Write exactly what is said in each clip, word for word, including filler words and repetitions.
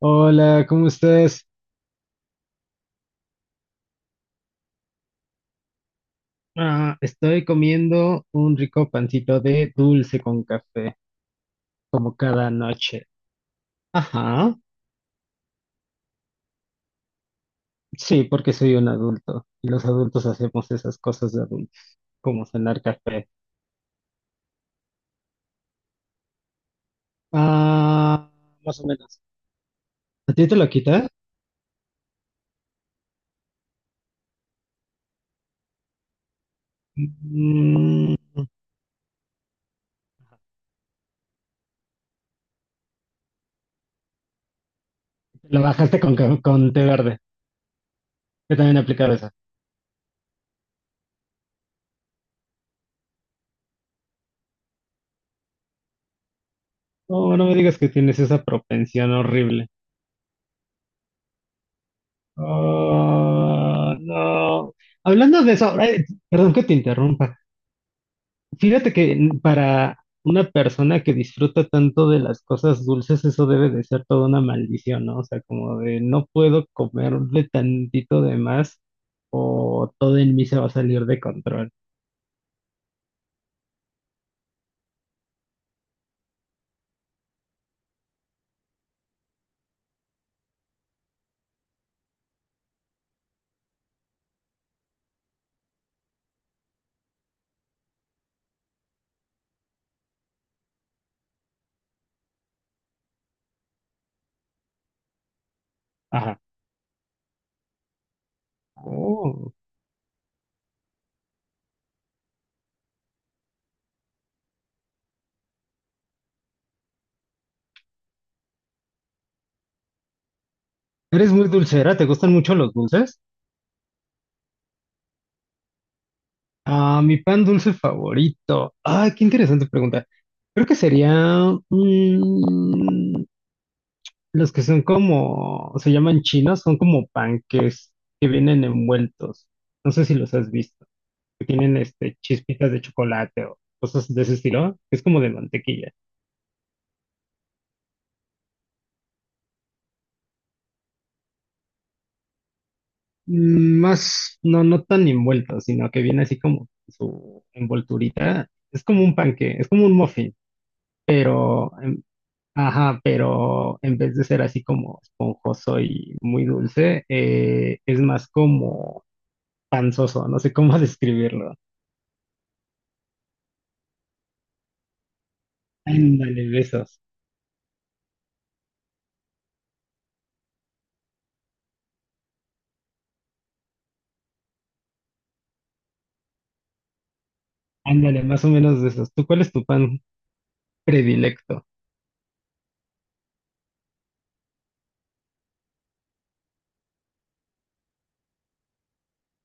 Hola, ¿cómo estás? Ah, estoy comiendo un rico pancito de dulce con café, como cada noche. Ajá, sí, porque soy un adulto y los adultos hacemos esas cosas de adultos, como cenar café. Ah, más o menos. ¿A ti te lo quita? Mm, lo bajaste con, ca- con té verde. Yo también he aplicado esa. No, no me digas que tienes esa propensión horrible. Ah, no. Hablando de eso, eh, perdón que te interrumpa. Fíjate que n- para una persona que disfruta tanto de las cosas dulces, eso debe de ser toda una maldición, ¿no? O sea, como de no puedo comerle tantito de más o todo en mí se va a salir de control. Ajá. Oh. Eres muy dulcera, ¿te gustan mucho los dulces? Ah, mi pan dulce favorito. Ah, qué interesante pregunta. Creo que sería... mm, los que son como, se llaman chinos, son como panques que vienen envueltos. No sé si los has visto. Que tienen este chispitas de chocolate o cosas de ese estilo. Es como de mantequilla. Mm, Más, no, no tan envueltos, sino que viene así como su envolturita. Es como un panque, es como un muffin, pero, em, ajá, pero en vez de ser así como esponjoso y muy dulce, eh, es más como panzoso. No sé cómo describirlo. Ándale, de esos. Ándale, más o menos de esos. ¿Tú cuál es tu pan predilecto?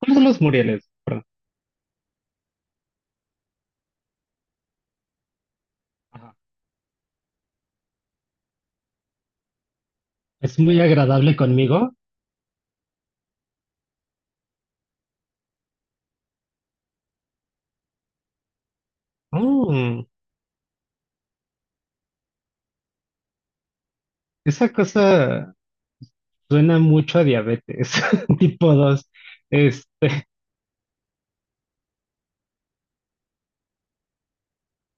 ¿Cuáles son los murieles? Perdón. Ajá. ¿Es muy agradable conmigo? Mm, esa cosa suena mucho a diabetes, tipo dos. Este,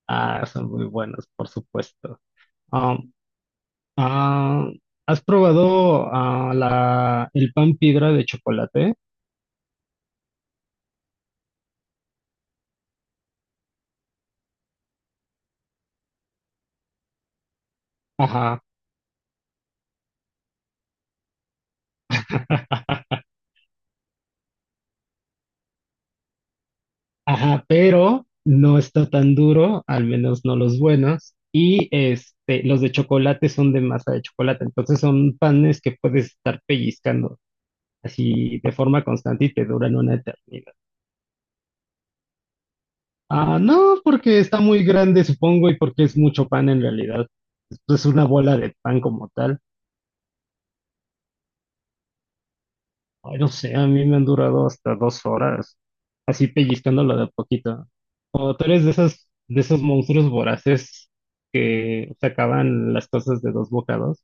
ah, son muy buenos, por supuesto. Ah, ah, ¿has probado ah, la, el pan piedra de chocolate? Ajá. Ajá, pero no está tan duro, al menos no los buenos. Y este, los de chocolate son de masa de chocolate, entonces son panes que puedes estar pellizcando así de forma constante y te duran una eternidad. Ah, no, porque está muy grande, supongo, y porque es mucho pan en realidad. Esto es una bola de pan como tal. Ay, no sé, a mí me han durado hasta dos horas, así pellizcándolo de a poquito. O tú eres de esos, de esos monstruos voraces que se acaban las cosas de dos bocados.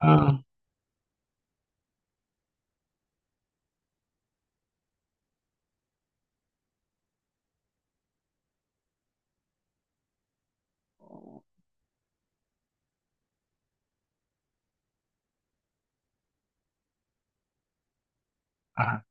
Ah, ah,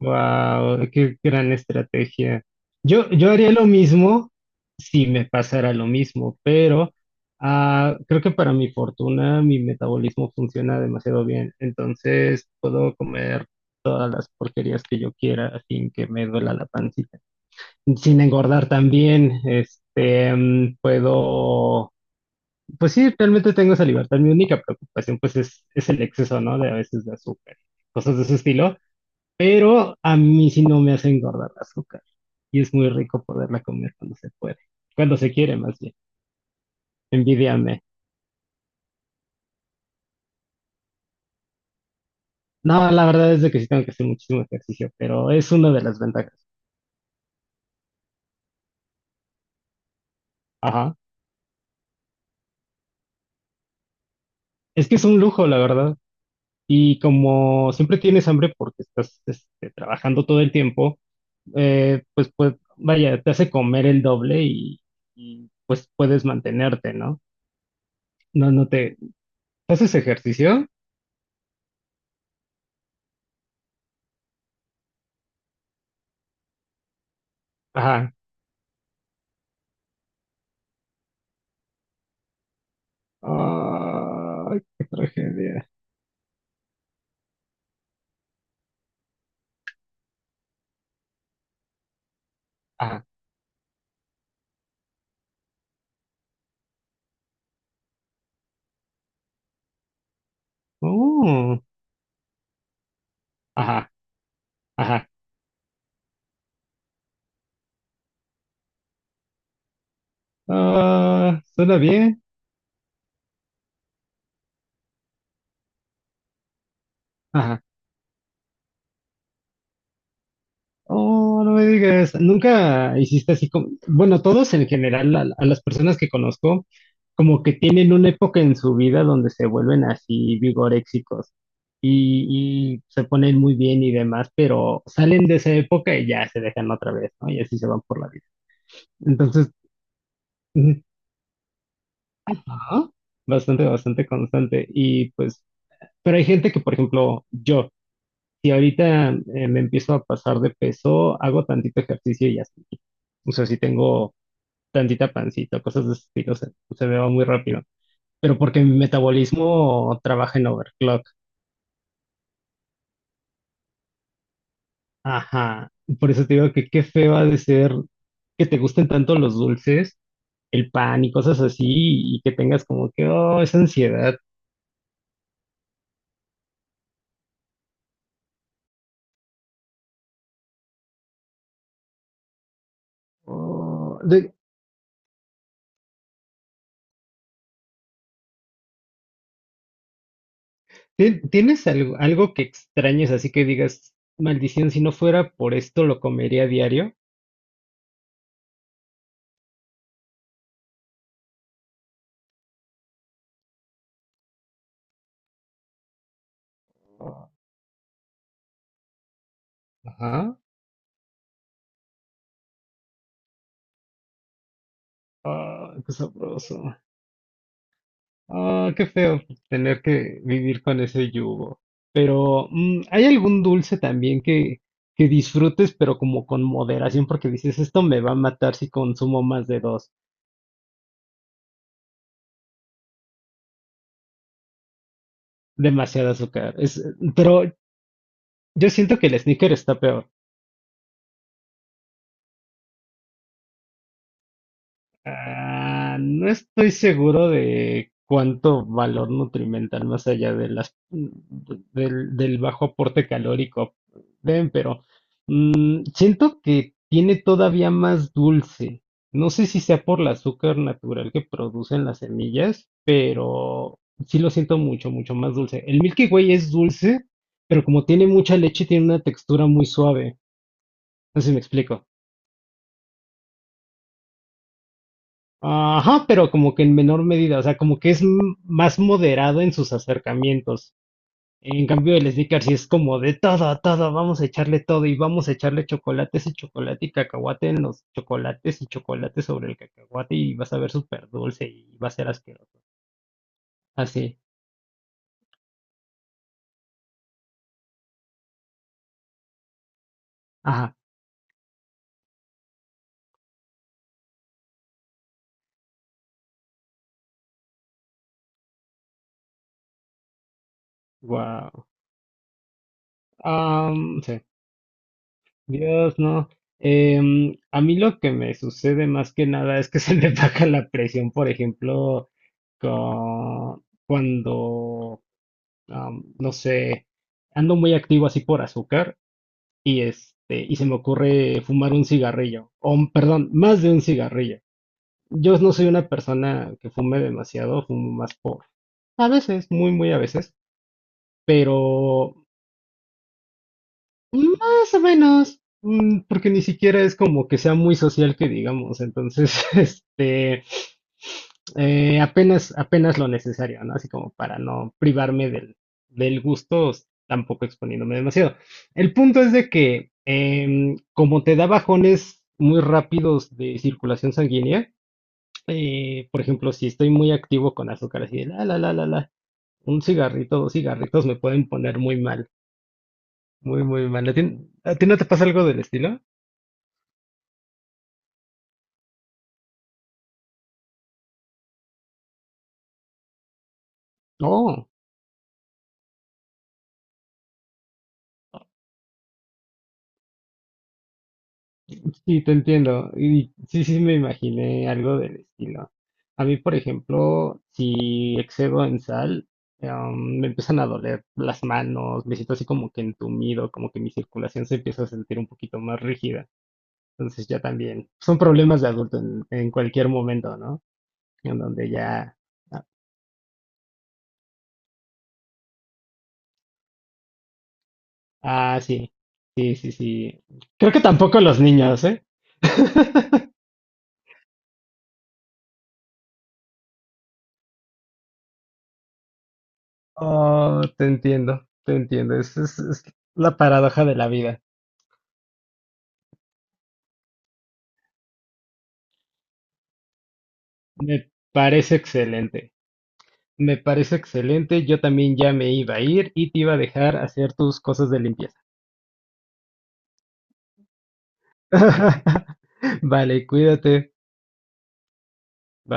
wow, qué gran estrategia. Yo, yo haría lo mismo si me pasara lo mismo, pero ah, creo que para mi fortuna mi metabolismo funciona demasiado bien, entonces puedo comer todas las porquerías que yo quiera sin que me duela la pancita. Sin engordar también, este, mm, puedo pues sí, realmente tengo esa libertad. Mi única preocupación, pues, es, es el exceso, ¿no? De a veces de azúcar, cosas de ese estilo. Pero a mí sí no me hace engordar el azúcar. Y es muy rico poderla comer cuando se puede. Cuando se quiere, más bien. Envidiame. No, la verdad es de que sí tengo que hacer muchísimo ejercicio, pero es una de las ventajas. Ajá. Es que es un lujo, la verdad. Y como siempre tienes hambre porque estás este, trabajando todo el tiempo, eh, pues, pues vaya, te hace comer el doble y, y, pues puedes mantenerte, ¿no? No, no te... ¿Haces ejercicio? Ajá. Ay, qué tragedia. Ajá. Oh, ajá, ajá. Ah, suena bien. Ajá. Oh, no me digas, nunca hiciste así como, bueno, todos en general, a, a las personas que conozco, como que tienen una época en su vida donde se vuelven así vigoréxicos y, y se ponen muy bien y demás, pero salen de esa época y ya se dejan otra vez, ¿no? Y así se van por la vida. Entonces, mm, ajá, bastante, bastante constante. Y pues, pero hay gente que, por ejemplo, yo, si ahorita eh, me empiezo a pasar de peso, hago tantito ejercicio y ya estoy. O sea, si tengo tantita pancita, cosas de ese estilo, se, se me va muy rápido. Pero porque mi metabolismo trabaja en overclock. Ajá. Por eso te digo que qué feo ha de ser que te gusten tanto los dulces, el pan y cosas así, y que tengas como que, oh, esa ansiedad. Oh, de- ¿tien- ¿tienes algo, algo que extrañes así que digas, maldición, si no fuera por esto lo comería a diario? Oh, ajá. Ah, qué sabroso. Ah, qué feo tener que vivir con ese yugo. Pero, mm, ¿hay algún dulce también que, que disfrutes, pero como con moderación? Porque dices, esto me va a matar si consumo más de dos, demasiado azúcar. Es, pero yo siento que el sneaker está peor. Ah, no estoy seguro de cuánto valor nutrimental más allá de las, del, del bajo aporte calórico den, pero. Mm, Siento que tiene todavía más dulce. No sé si sea por el azúcar natural que producen las semillas. Sí lo siento mucho, mucho más dulce. El Milky Way es dulce, pero como tiene mucha leche, tiene una textura muy suave. No sé si me explico. Ajá, pero como que en menor medida, o sea, como que es m- más moderado en sus acercamientos. En cambio, el Snickers sí es como de todo, todo, vamos a echarle todo y vamos a echarle chocolates y chocolate y cacahuate en los chocolates y chocolate sobre el cacahuate y vas a ver súper dulce y va a ser asqueroso. Así, ajá, wow. Am, sí, Dios, no. Em, a mí lo que me sucede más que nada es que se me baja la presión, por ejemplo, con- cuando, am, no sé, ando muy activo así por azúcar. Y este, y se me ocurre fumar un cigarrillo, o un- perdón, más de un cigarrillo. Yo no soy una persona que fume demasiado, fumo más por, a veces, muy, muy a veces, pero más o menos, mm, porque ni siquiera es como que sea muy social que digamos, entonces, este, eh, apenas, apenas lo necesario, ¿no? Así como para no privarme del, del gusto, s- tampoco exponiéndome demasiado. El punto es de que, em, como te da bajones muy rápidos de circulación sanguínea, eh, por ejemplo, si estoy muy activo con azúcar, así de la, la, la, la, la, un cigarrito, dos cigarritos me pueden poner muy mal. Muy, muy mal. ¿A ti, a ti no te pasa algo del estilo? Oh, sí, te entiendo. Y sí, sí, me imaginé algo del estilo. A mí, por ejemplo, si excedo en sal, em, me empiezan a doler las manos, me siento así como que entumido, como que mi circulación se empieza a sentir un poquito más rígida. Entonces ya también son problemas de adulto en, en cualquier momento, ¿no? En donde ya... Ah, ah, sí, sí, sí, sí. Creo que tampoco los niños, ¿eh? Oh, te entiendo, te entiendo. Es, es, es la paradoja de la vida. Me parece excelente. Me parece excelente. Yo también ya me iba a ir y te iba a dejar hacer tus cosas de limpieza. Vale, cuídate. Bye.